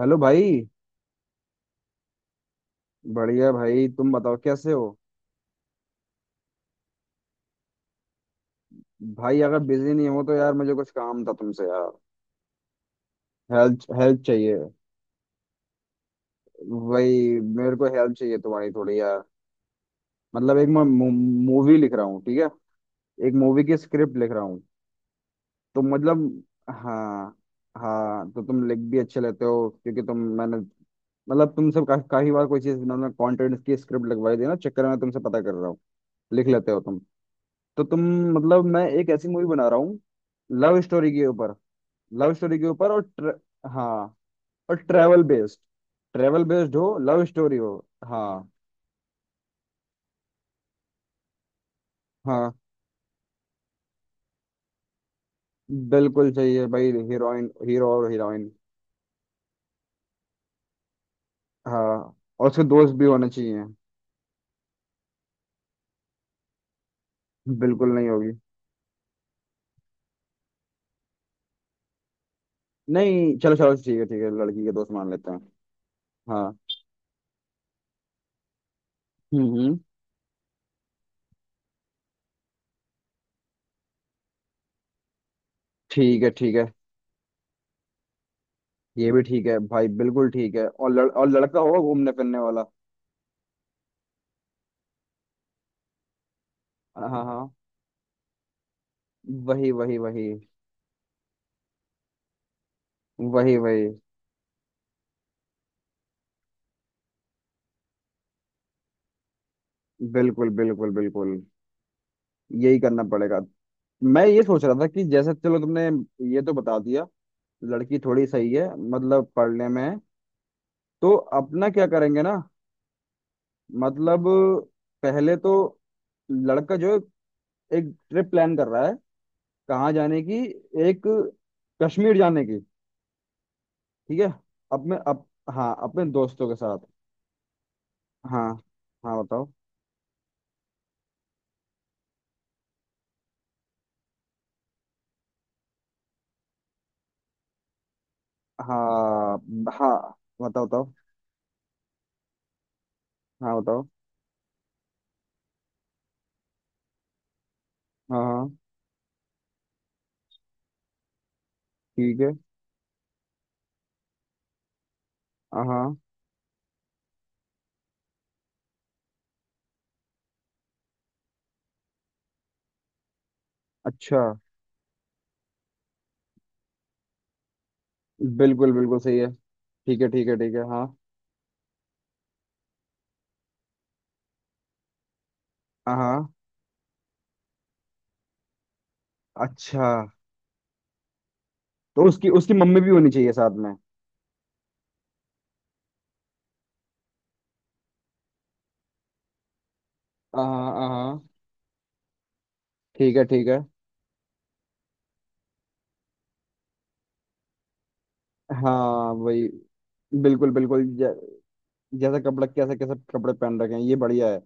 Hello भाई। बढ़िया भाई तुम बताओ कैसे हो। भाई अगर बिजी नहीं हो तो यार मुझे कुछ काम था तुमसे यार। हेल्प हेल्प चाहिए। वही मेरे को हेल्प चाहिए तुम्हारी थोड़ी यार। मतलब एक मैं मूवी लिख रहा हूँ, ठीक है। एक मूवी की स्क्रिप्ट लिख रहा हूँ। तो मतलब हाँ। हाँ तो तुम लिख भी अच्छे लेते हो क्योंकि तुम मैंने मतलब तुमसे काफी बार कोई चीज मतलब कंटेंट की स्क्रिप्ट लगवाई थी ना चक्कर में तुमसे पता कर रहा हूँ। लिख लेते हो तुम। तो तुम मतलब मैं एक ऐसी मूवी बना रहा हूँ लव स्टोरी के ऊपर। लव स्टोरी के ऊपर और हाँ, और ट्रेवल बेस्ड। ट्रेवल बेस्ड हो, लव स्टोरी हो। हाँ। हाँ बिल्कुल चाहिए भाई, हीरोइन, हीरो और हीरोइन। हाँ और उसके दोस्त भी होने चाहिए। बिल्कुल नहीं होगी। नहीं, चलो चलो ठीक है, ठीक है लड़की के दोस्त मान लेते हैं। हाँ। हम्म, हम्म। ठीक है, ठीक है। ये भी ठीक है भाई, बिल्कुल ठीक है। और और लड़का होगा घूमने फिरने वाला। हाँ हाँ। वही वही वही वही वही। बिल्कुल बिल्कुल बिल्कुल। यही करना पड़ेगा। मैं ये सोच रहा था कि जैसे चलो तुमने ये तो बता दिया। लड़की थोड़ी सही है, मतलब पढ़ने में है। तो अपना क्या करेंगे ना। मतलब पहले तो लड़का जो है, एक ट्रिप प्लान कर रहा है कहाँ जाने की। एक कश्मीर जाने की। ठीक है। हाँ अपने दोस्तों के साथ। हाँ, हाँ बताओ। हाँ, हाँ बताओ बताओ। हाँ बताओ। हाँ हाँ, ठीक है। हाँ, हाँ। अच्छा। बिल्कुल बिल्कुल सही है। ठीक है, ठीक है, ठीक है। हाँ, हाँ, हाँ। अच्छा तो उसकी उसकी मम्मी भी होनी चाहिए साथ में। हाँ हाँ। ठीक है, ठीक है। हाँ वही। बिल्कुल बिल्कुल। जैसा कपड़ा, कैसे कैसे कपड़े पहन रखे हैं, ये बढ़िया है।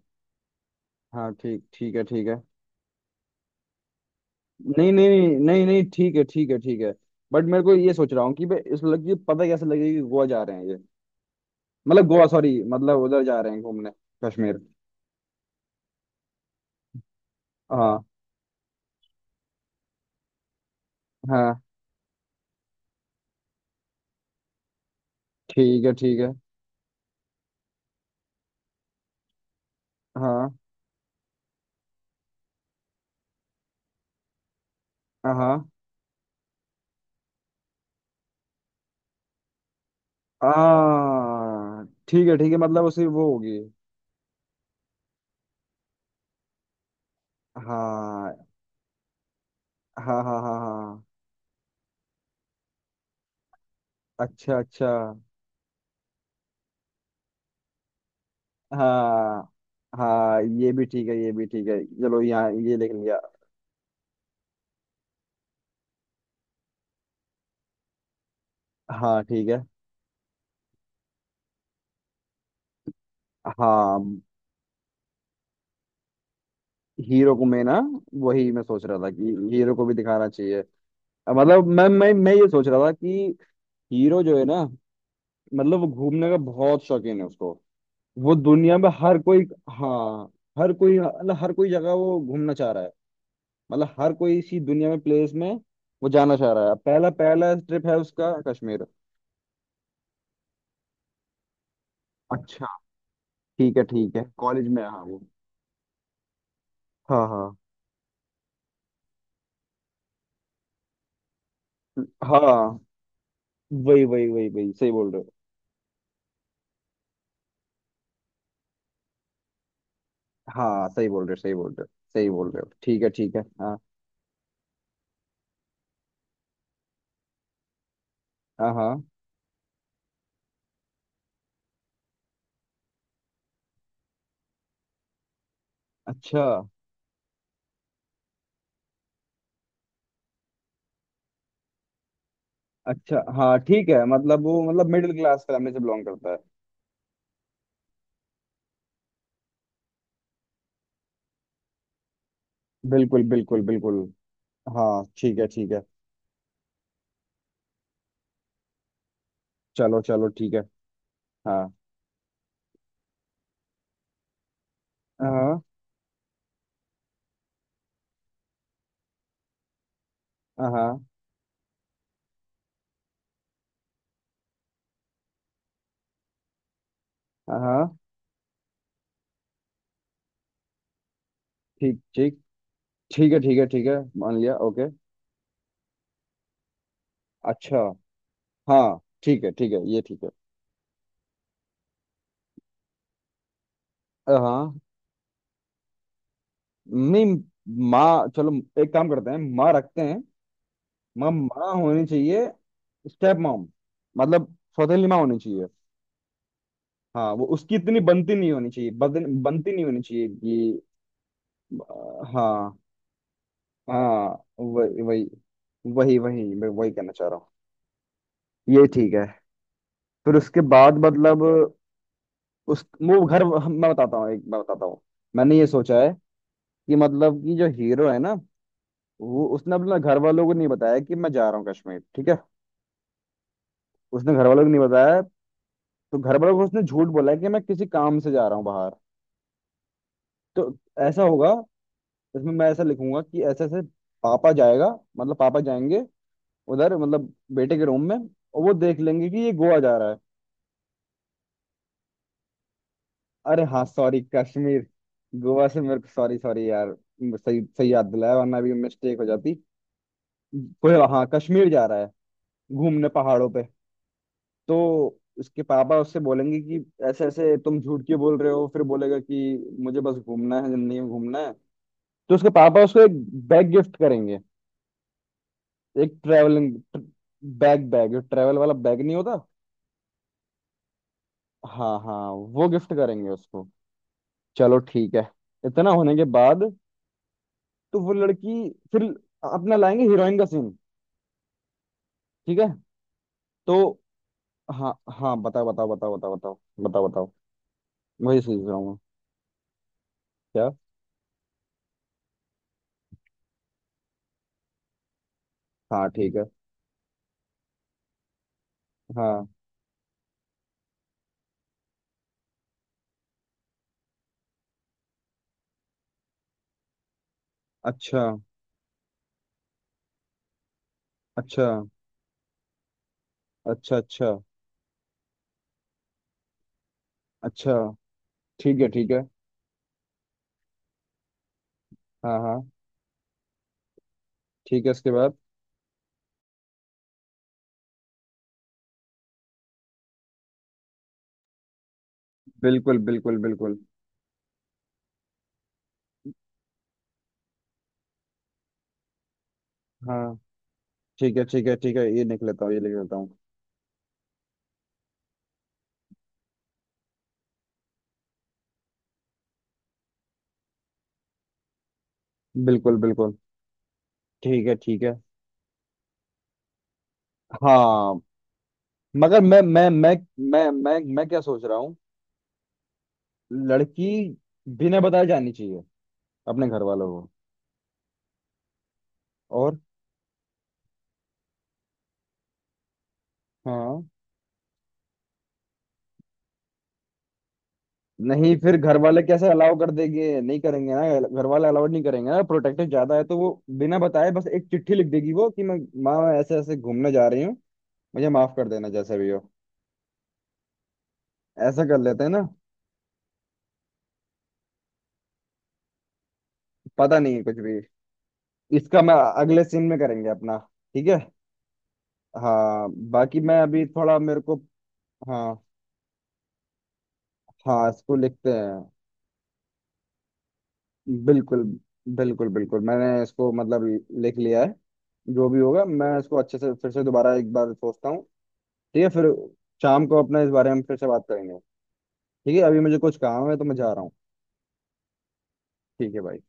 हाँ ठीक, ठीक है, ठीक है। नहीं नहीं नहीं नहीं नहीं, ठीक है, ठीक है, ठीक है। बट मेरे को ये सोच रहा हूँ कि भाई इस लड़की को पता कैसे लगेगा कि गोवा जा रहे हैं ये। मतलब गोवा सॉरी, मतलब उधर जा रहे हैं घूमने। कश्मीर। हाँ हाँ, ठीक है, ठीक है। हाँ हाँ हाँ, ठीक है, ठीक है, मतलब उसे वो होगी। हाँ हाँ हाँ हाँ हाँ। अच्छा, अच्छा। हाँ हाँ, ये भी ठीक है, ये भी ठीक है, चलो यहाँ ये लिख लिया। हाँ ठीक है। हाँ हीरो को, मैं ना वही मैं सोच रहा था कि हीरो को भी दिखाना चाहिए। मतलब मैं ये सोच रहा था कि हीरो जो है ना, मतलब वो घूमने का बहुत शौकीन है उसको। वो दुनिया में हर कोई। हाँ हर कोई, मतलब हर कोई जगह वो घूमना चाह रहा है। मतलब हर कोई इसी दुनिया में प्लेस में वो जाना चाह रहा है। पहला, पहला ट्रिप है उसका कश्मीर। ठीक है, ठीक है कॉलेज में है, हाँ वो। हाँ हाँ हाँ। वही वही वही वही, सही बोल रहे हो। हाँ सही बोल रहे हो, सही बोल रहे हो। सही बोल रहे हो, ठीक है, ठीक है। हाँ हाँ हाँ। अच्छा, अच्छा हाँ ठीक है, मतलब वो मतलब मिडिल क्लास फैमिली से बिलोंग करता है। बिल्कुल बिल्कुल बिल्कुल। हाँ ठीक है, ठीक है। चलो चलो ठीक है। हाँ हाँ हाँ हाँ। ठीक, ठीक, ठीक है, ठीक है, ठीक है, मान लिया, ओके। अच्छा। हाँ ठीक है, ठीक है, ये ठीक है। हाँ। नहीं, माँ चलो एक काम करते हैं, माँ रखते हैं। माँ माँ होनी चाहिए। स्टेप मॉम, मतलब सौतेली माँ होनी चाहिए। हाँ, वो उसकी इतनी बनती नहीं होनी चाहिए, बनती नहीं होनी चाहिए कि। हाँ। हाँ वही वही, वही वही मैं वही कहना चाह रहा हूँ। ये ठीक है। फिर उसके बाद मतलब उस वो घर मैं बताता हूँ, एक मैं बताता हूँ। मैंने ये सोचा है कि, मतलब कि जो हीरो है ना, वो उसने अपना घर वालों को नहीं बताया कि मैं जा रहा हूँ कश्मीर, ठीक है। उसने घर वालों को नहीं बताया। तो घर वालों को उसने झूठ बोला है कि मैं किसी काम से जा रहा हूँ बाहर। तो ऐसा होगा। इसमें मैं ऐसा लिखूंगा कि ऐसे ऐसे पापा जाएगा, मतलब पापा जाएंगे उधर, मतलब बेटे के रूम में, और वो देख लेंगे कि ये गोवा जा रहा है। अरे हाँ सॉरी, कश्मीर। गोवा से मेरे को, सॉरी सॉरी यार। सही सही याद दिलाया वरना भी मिस्टेक हो जाती। कोई, हाँ कश्मीर जा रहा है घूमने पहाड़ों पे। तो उसके पापा उससे बोलेंगे कि ऐसे ऐसे तुम झूठ क्यों बोल रहे हो। फिर बोलेगा कि मुझे बस घूमना है, जिंदगी में घूमना है। तो उसके पापा उसको एक बैग गिफ्ट करेंगे, एक ट्रैवलिंग बैग। ट्रैवल वाला बैग नहीं होता। हाँ हाँ, वो गिफ्ट करेंगे उसको। चलो ठीक है। इतना होने के बाद तो वो लड़की फिर अपना लाएंगे हीरोइन का सीन। ठीक है। तो हाँ, हाँ बताओ बताओ बताओ बताओ बताओ बताओ बताओ, वही सोच रहा हूँ मैं। क्या। हाँ ठीक है। हाँ। अच्छा अच्छा अच्छा अच्छा अच्छा। ठीक है, ठीक है। हाँ, हाँ ठीक है इसके बाद। बिल्कुल बिल्कुल बिल्कुल। हाँ ठीक है, ठीक है, ठीक है, ये लिख लेता हूँ, ये लिख लेता हूँ। बिल्कुल बिल्कुल। ठीक है, ठीक है। हाँ मगर मैं क्या सोच रहा हूँ। लड़की बिना बताए जानी चाहिए अपने घर वालों को। और हाँ। नहीं फिर घर वाले कैसे अलाउ कर देंगे, नहीं करेंगे ना। घर वाले अलाउड नहीं करेंगे ना, प्रोटेक्टिव ज्यादा है तो वो बिना बताए बस एक चिट्ठी लिख देगी वो कि मैं, माँ मैं ऐसे ऐसे घूमने जा रही हूँ, मुझे माफ कर देना जैसे भी हो। ऐसा कर लेते हैं ना। पता नहीं है कुछ भी। इसका मैं अगले सीन में करेंगे अपना। ठीक है। हाँ बाकी मैं अभी थोड़ा मेरे को। हाँ हाँ इसको लिखते हैं। बिल्कुल बिल्कुल बिल्कुल, मैंने इसको मतलब लिख लिया है। जो भी होगा मैं इसको अच्छे से फिर से दोबारा एक बार सोचता हूँ। ठीक है फिर शाम को अपना इस बारे में फिर से बात करेंगे। ठीक है अभी मुझे कुछ काम है तो मैं जा रहा हूँ। ठीक है भाई।